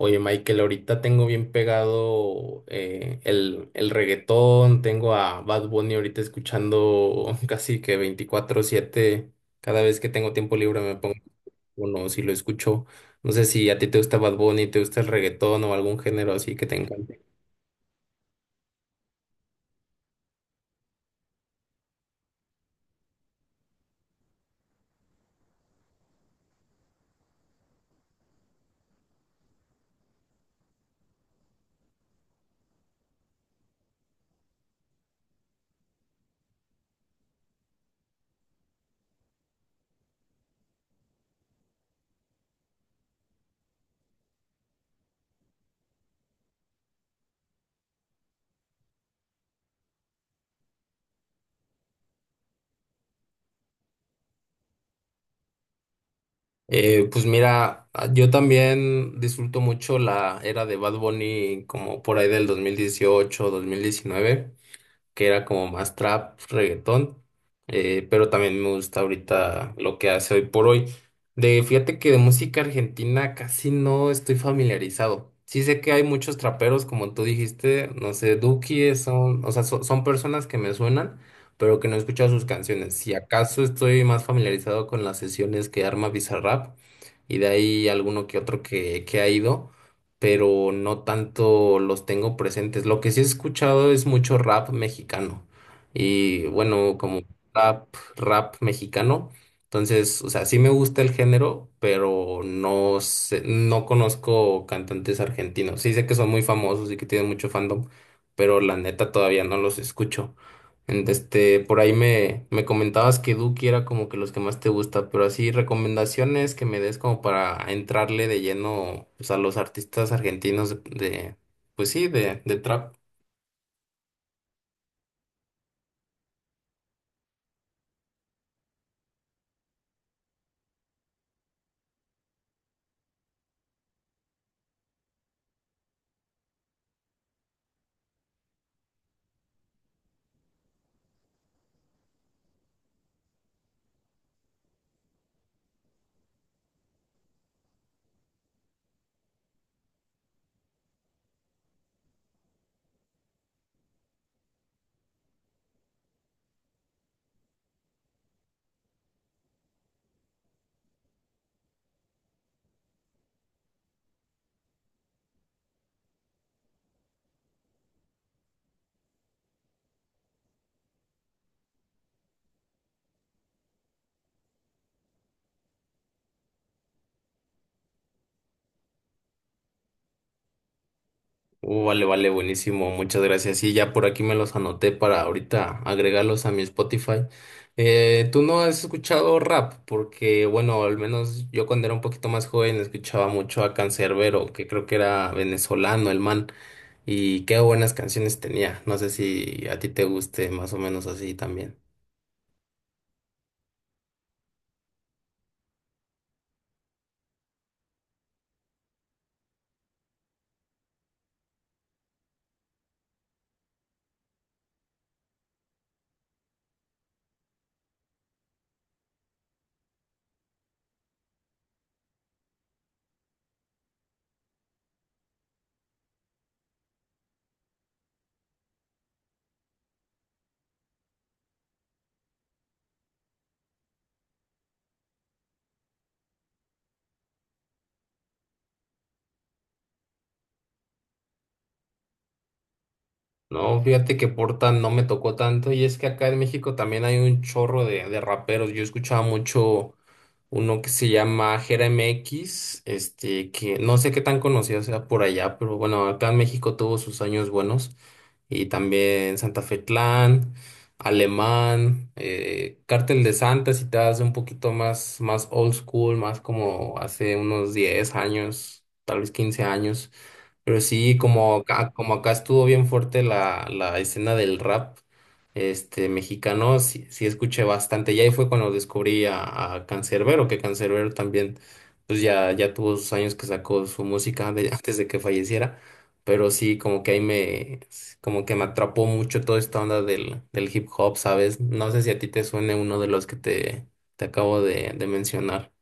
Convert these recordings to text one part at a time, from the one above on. Oye, Michael, ahorita tengo bien pegado el reggaetón, tengo a Bad Bunny ahorita escuchando casi que 24/7, cada vez que tengo tiempo libre me pongo uno, si lo escucho. No sé si a ti te gusta Bad Bunny, te gusta el reggaetón o algún género así que te encante. Pues mira, yo también disfruto mucho la era de Bad Bunny como por ahí del 2018, 2019. Que era como más trap, reggaetón, pero también me gusta ahorita lo que hace hoy por hoy. Fíjate que de música argentina casi no estoy familiarizado. Sí sé que hay muchos traperos, como tú dijiste, no sé, Duki, son, o sea, son personas que me suenan, pero que no he escuchado sus canciones. Si acaso estoy más familiarizado con las sesiones que arma Bizarrap, y de ahí alguno que otro que ha ido, pero no tanto los tengo presentes. Lo que sí he escuchado es mucho rap mexicano, y bueno, como rap mexicano. Entonces, o sea, sí me gusta el género, pero no sé, no conozco cantantes argentinos. Sí sé que son muy famosos y que tienen mucho fandom, pero la neta todavía no los escucho. Este, por ahí me comentabas que Duki era como que los que más te gusta, pero así recomendaciones que me des como para entrarle de lleno pues, a los artistas argentinos pues sí, de trap. Vale, vale, buenísimo, muchas gracias. Sí, ya por aquí me los anoté para ahorita agregarlos a mi Spotify. ¿Tú no has escuchado rap? Porque, bueno, al menos yo cuando era un poquito más joven escuchaba mucho a Canserbero, que creo que era venezolano el man. Y qué buenas canciones tenía. No sé si a ti te guste más o menos así también. No, fíjate que Porta no me tocó tanto, y es que acá en México también hay un chorro de raperos. Yo escuchaba mucho uno que se llama Jeremy X, que no sé qué tan conocido sea por allá, pero bueno, acá en México tuvo sus años buenos. Y también Santa Fe Clan, Alemán, Cártel de Santa, si te das un poquito más, más old school, más como hace unos 10 años, tal vez 15 años. Pero sí, como acá estuvo bien fuerte la escena del rap mexicano, sí, sí escuché bastante. Y ahí fue cuando descubrí a Canserbero, que Canserbero también, pues ya, ya tuvo sus años que sacó su música antes de que falleciera. Pero sí, como que ahí como que me atrapó mucho toda esta onda del hip hop, ¿sabes? No sé si a ti te suene uno de los que te acabo de mencionar.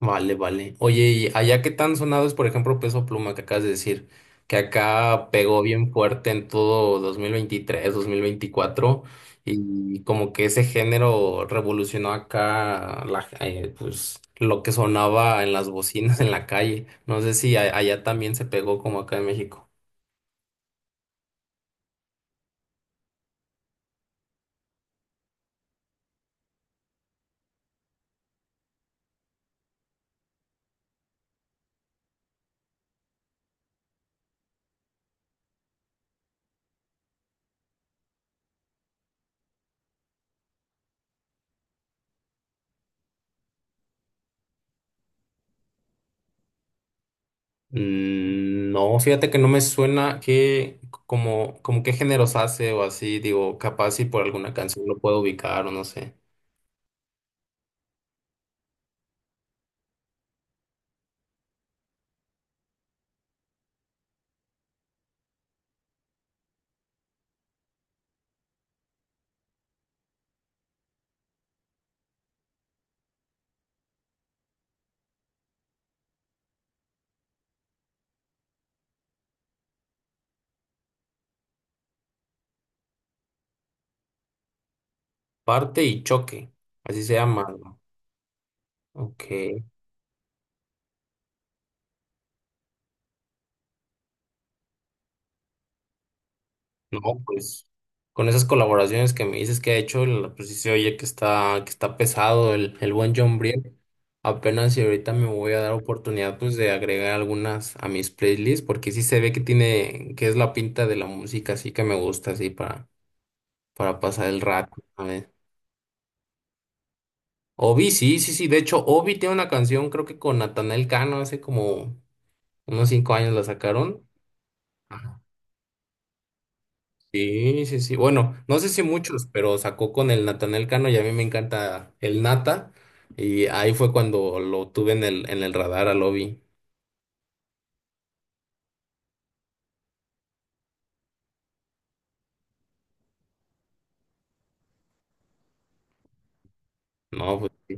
Vale, vale. Oye, ¿y allá qué tan sonado es, por ejemplo, Peso Pluma, que acabas de decir? Que acá pegó bien fuerte en todo dos mil veintitrés, 2024, y como que ese género revolucionó acá pues, lo que sonaba en las bocinas en la calle. No sé si allá también se pegó como acá en México. No, fíjate que no me suena, que como qué géneros hace o así, digo, capaz si por alguna canción lo puedo ubicar o no sé. Parte y choque, así se llama, ¿no? Ok, no, pues con esas colaboraciones que me dices que ha hecho, pues sí se oye que está pesado el buen John Briel. Apenas y ahorita me voy a dar oportunidad pues de agregar algunas a mis playlists, porque sí se ve que tiene, que es la pinta de la música, así que me gusta así para pasar el rato. A ver. Obi, sí, sí, sí, de hecho Obi tiene una canción creo que con Natanael Cano, hace como unos 5 años la sacaron. Sí, sí, sí. Bueno, no sé si muchos, pero sacó con el Natanael Cano, y a mí me encanta el Nata. Y ahí fue cuando lo tuve en el radar a Lobby. No, pues sí.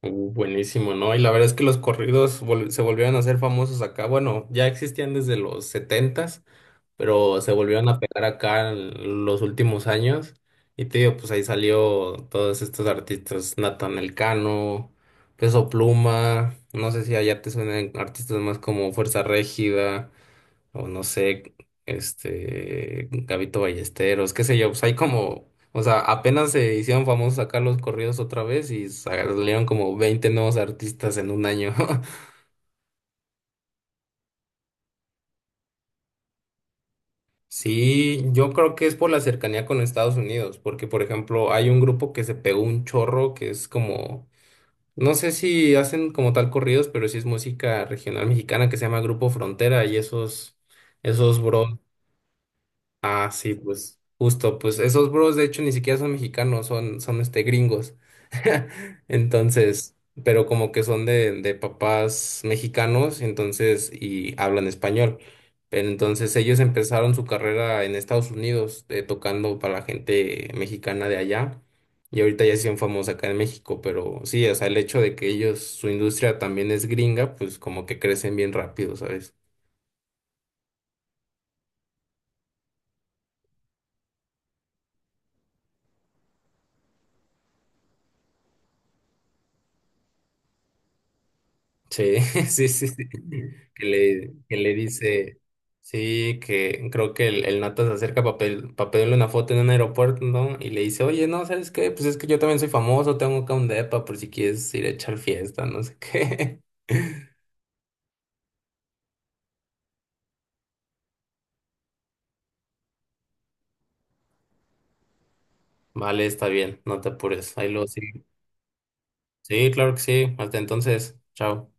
Buenísimo, ¿no? Y la verdad es que los corridos se volvieron a hacer famosos acá. Bueno, ya existían desde los setentas, pero se volvieron a pegar acá en los últimos años. Y te digo, pues ahí salió todos estos artistas, Nathan Elcano, Peso Pluma, no sé si allá te suenan artistas más como Fuerza Régida, o no sé, Gabito Ballesteros, qué sé yo, pues hay como, o sea, apenas se hicieron famosos acá los corridos otra vez, y salieron como 20 nuevos artistas en un año. Sí, yo creo que es por la cercanía con Estados Unidos, porque por ejemplo hay un grupo que se pegó un chorro que es como, no sé si hacen como tal corridos, pero sí es música regional mexicana, que se llama Grupo Frontera, y esos, bros. Ah, sí, pues justo, pues esos bros de hecho ni siquiera son mexicanos, son gringos. Entonces, pero como que son de papás mexicanos, entonces, y hablan español. Pero entonces ellos empezaron su carrera en Estados Unidos, tocando para la gente mexicana de allá. Y ahorita ya son famosos acá en México, pero sí, o sea, el hecho de que ellos, su industria también es gringa, pues como que crecen bien rápido, ¿sabes? Sí, sí, sí, sí. Que le dice, sí, que creo que el Nata se acerca para pedirle una foto en un aeropuerto, ¿no? Y le dice, oye, no, ¿sabes qué? Pues es que yo también soy famoso, tengo acá un depa por si quieres ir a echar fiesta, no sé qué. Vale, está bien, no te apures. Ahí luego sí. Sí, claro que sí. Hasta entonces, chao.